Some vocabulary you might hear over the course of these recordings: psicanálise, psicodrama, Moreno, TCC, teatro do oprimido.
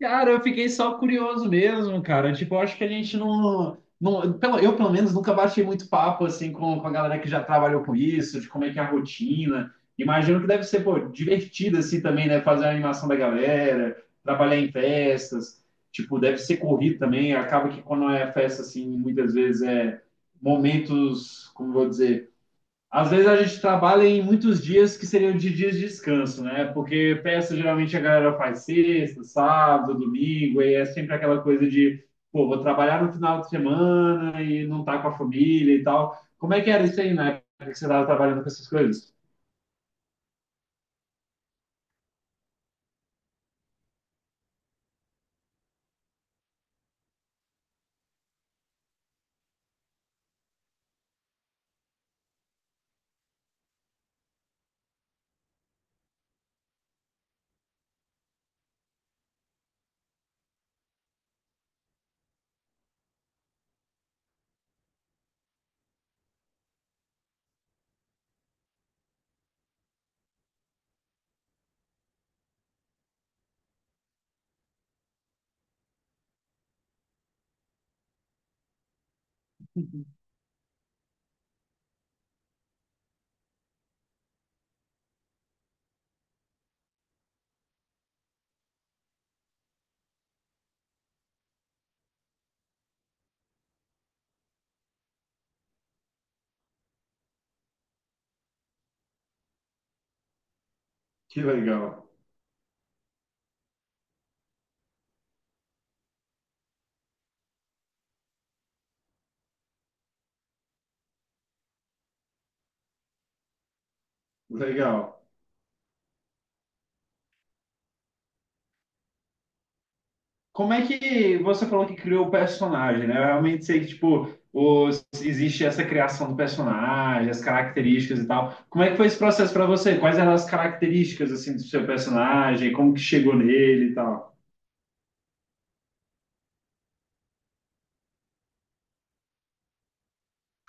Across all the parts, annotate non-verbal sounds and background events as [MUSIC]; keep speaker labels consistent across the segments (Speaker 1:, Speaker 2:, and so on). Speaker 1: Cara, eu fiquei só curioso mesmo, cara. Tipo, eu acho que a gente não, não, pelo, eu pelo menos nunca bati muito papo assim com a galera que já trabalhou com isso, de como é que é a rotina. Imagino que deve ser, pô, divertido assim também, né? Fazer a animação da galera, trabalhar em festas. Tipo, deve ser corrido também. Acaba que quando é festa assim, muitas vezes é momentos, como eu vou dizer, às vezes a gente trabalha em muitos dias que seriam de dias de descanso, né? Porque peça geralmente a galera faz sexta, sábado, domingo, e é sempre aquela coisa de, pô, vou trabalhar no final de semana e não tá com a família e tal. Como é que era isso aí, né? Que você estava trabalhando com essas coisas? [LAUGHS] Que legal, legal. Como é que você falou que criou o personagem, né? Eu realmente sei que, tipo, os, existe essa criação do personagem, as características e tal. Como é que foi esse processo para você? Quais eram as características, assim, do seu personagem? Como que chegou nele e tal?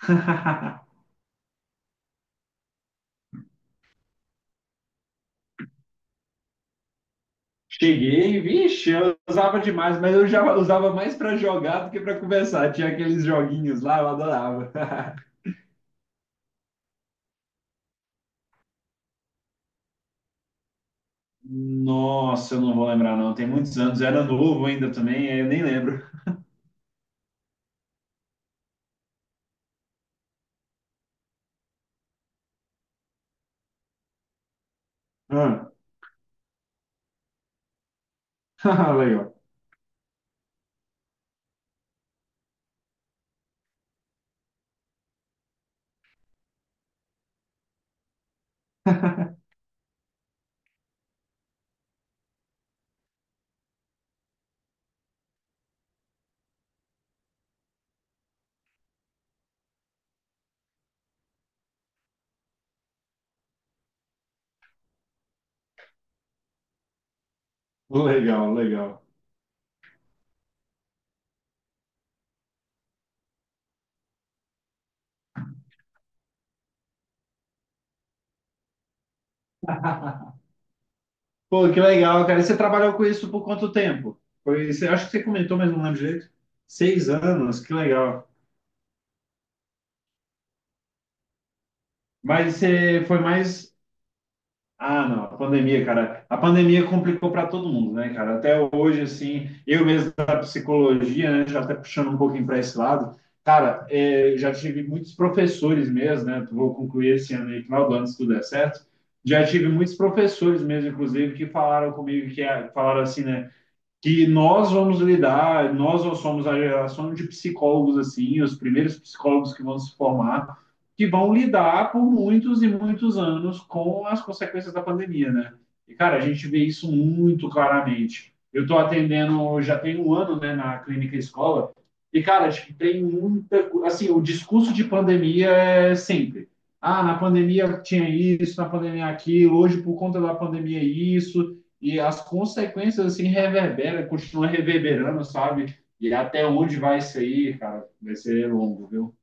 Speaker 1: [LAUGHS] Cheguei, vixe, eu usava demais, mas eu já usava mais para jogar do que para conversar. Tinha aqueles joguinhos lá, eu adorava. [LAUGHS] Nossa, eu não vou lembrar, não. Tem muitos anos, eu era novo ainda também, aí eu nem lembro. Ah, [LAUGHS] legal, legal, legal. [LAUGHS] Pô, que legal, cara. E você trabalhou com isso por quanto tempo? Foi, você, acho que você comentou, mas não lembro direito. Seis anos, que legal. Mas você foi mais. Ah, não, a pandemia, cara. A pandemia complicou para todo mundo, né, cara? Até hoje, assim, eu mesmo da psicologia, né, já até puxando um pouquinho para esse lado. Cara, já tive muitos professores mesmo, né? Vou concluir esse ano aí, final do ano, se tudo der certo. Já tive muitos professores mesmo, inclusive, que falaram comigo, que ah, falaram assim, né? Que nós vamos lidar, nós somos a geração de psicólogos assim, os primeiros psicólogos que vão se formar, que vão lidar por muitos e muitos anos com as consequências da pandemia, né? E cara, a gente vê isso muito claramente. Eu estou atendendo, já tem um ano, né, na clínica escola, e cara, tipo, tem muita, assim, o discurso de pandemia é sempre ah, na pandemia tinha isso, na pandemia aquilo, hoje por conta da pandemia é isso, e as consequências assim reverberam, continuam reverberando, sabe? E até onde vai isso aí, cara? Vai ser longo, viu?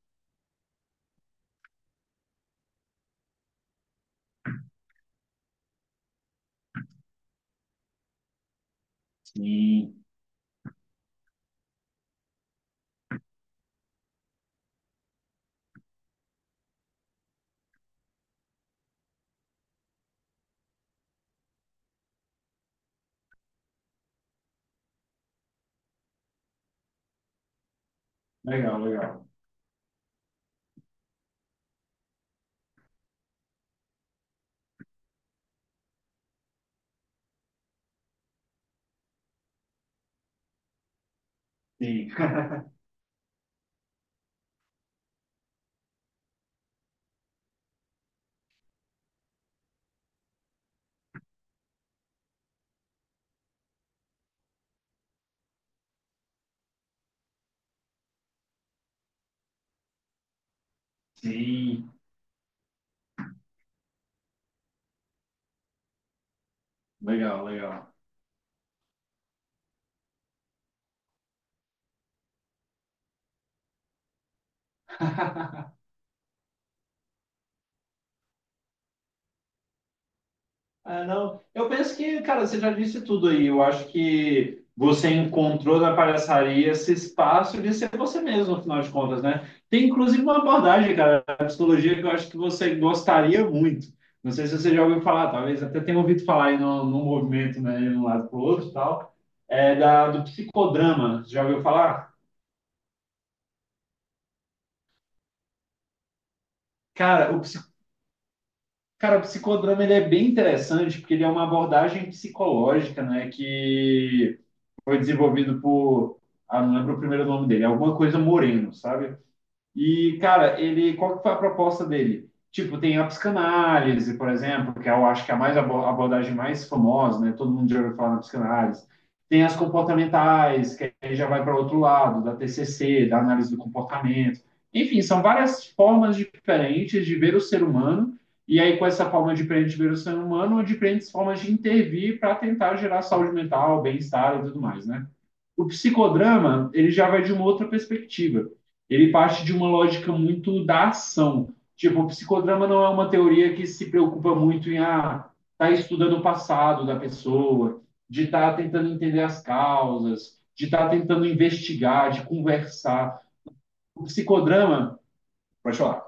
Speaker 1: Sim, legal, legal. Sim, sim, legal, legal. Ah, não. Eu penso que, cara, você já disse tudo aí. Eu acho que você encontrou na palhaçaria esse espaço de ser você mesmo, no final de contas, né? Tem inclusive uma abordagem, cara, da psicologia que eu acho que você gostaria muito. Não sei se você já ouviu falar, talvez até tenha ouvido falar aí no movimento, né, de um lado para o outro e tal, é da, do psicodrama. Você já ouviu falar? Cara, o, psi- cara, o psicodrama ele é bem interessante porque ele é uma abordagem psicológica, né, que foi desenvolvido por, ah, não lembro o primeiro nome dele, alguma coisa Moreno, sabe? E, cara, ele, qual que foi a proposta dele? Tipo, tem a psicanálise, por exemplo, que é, eu acho que é a mais a abordagem mais famosa, né? Todo mundo já ouviu falar na psicanálise. Tem as comportamentais, que aí já vai para o outro lado, da TCC, da análise do comportamento. Enfim, são várias formas diferentes de ver o ser humano, e aí com essa forma diferente de ver o ser humano, diferentes formas de intervir para tentar gerar saúde mental, bem-estar e tudo mais, né? O psicodrama, ele já vai de uma outra perspectiva. Ele parte de uma lógica muito da ação. Tipo, o psicodrama não é uma teoria que se preocupa muito em ah, tá estudando o passado da pessoa, de estar tá tentando entender as causas, de estar tá tentando investigar, de conversar. O psicodrama, pode falar.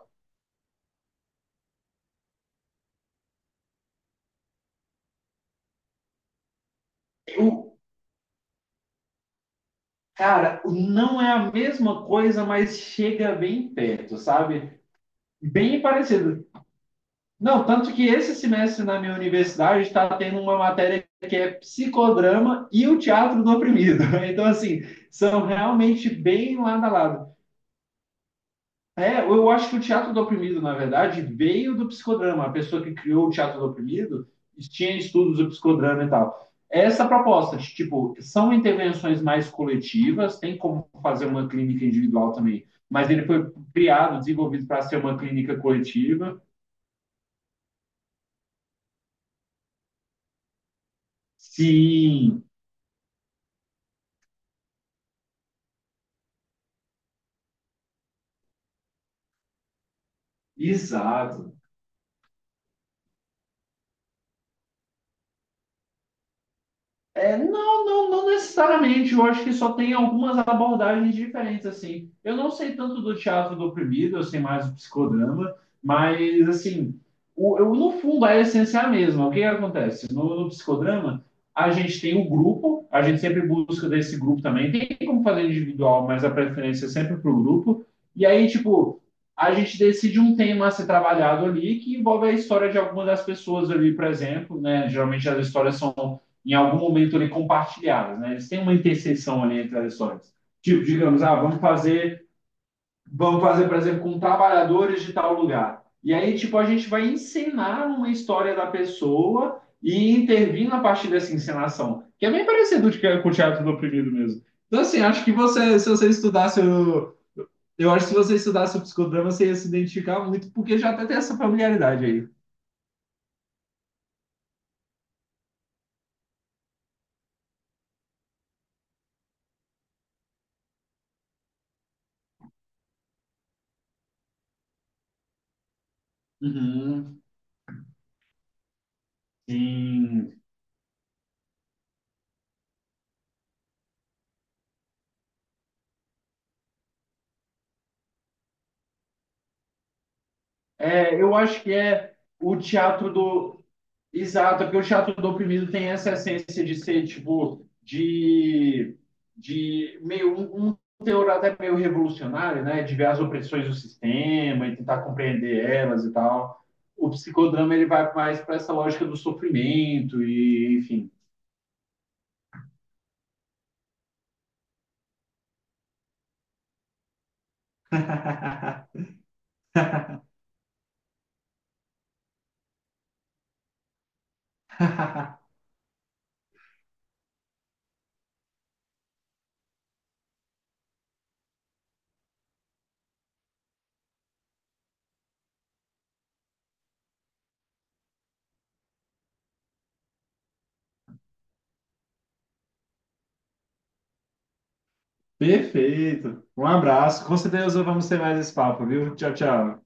Speaker 1: O, cara, não é a mesma coisa, mas chega bem perto, sabe? Bem parecido. Não, tanto que esse semestre na minha universidade está tendo uma matéria que é psicodrama e o teatro do oprimido. [LAUGHS] Então, assim, são realmente bem lado a lado. É, eu acho que o teatro do oprimido, na verdade, veio do psicodrama. A pessoa que criou o teatro do oprimido tinha estudos do psicodrama e tal. Essa proposta de, tipo, são intervenções mais coletivas, tem como fazer uma clínica individual também, mas ele foi criado, desenvolvido para ser uma clínica coletiva. Sim, exato. É, não necessariamente. Eu acho que só tem algumas abordagens diferentes, assim. Eu não sei tanto do teatro do oprimido, eu sei mais do psicodrama, mas, assim, o, eu, no fundo a essência é a mesma. O que que acontece? No psicodrama, a gente tem o grupo, a gente sempre busca desse grupo também. Tem como fazer individual, mas a preferência é sempre para o grupo. E aí, tipo, a gente decide um tema a ser trabalhado ali que envolve a história de alguma das pessoas ali, por exemplo, né? Geralmente as histórias são em algum momento ali compartilhadas, né? Eles têm uma interseção ali entre as histórias. Tipo, digamos, ah, vamos fazer, por exemplo, com um trabalhadores de tal lugar. E aí, tipo, a gente vai encenar uma história da pessoa e intervir na partir dessa encenação, que é bem parecido com o teatro do oprimido mesmo. Então, assim, acho que você, se você estudasse, eu acho que se você estudasse o psicodrama, você ia se identificar muito, porque já até tem essa familiaridade aí. Uhum, sim. É, eu acho que é o teatro do, exato, porque o teatro do oprimido tem essa essência de ser, tipo, de meio um, um teor até meio revolucionário, né? De ver as opressões do sistema e tentar compreender elas e tal. O psicodrama ele vai mais para essa lógica do sofrimento e, enfim. [LAUGHS] Perfeito. Um abraço. Com certeza vamos ter mais esse papo, viu? Tchau, tchau.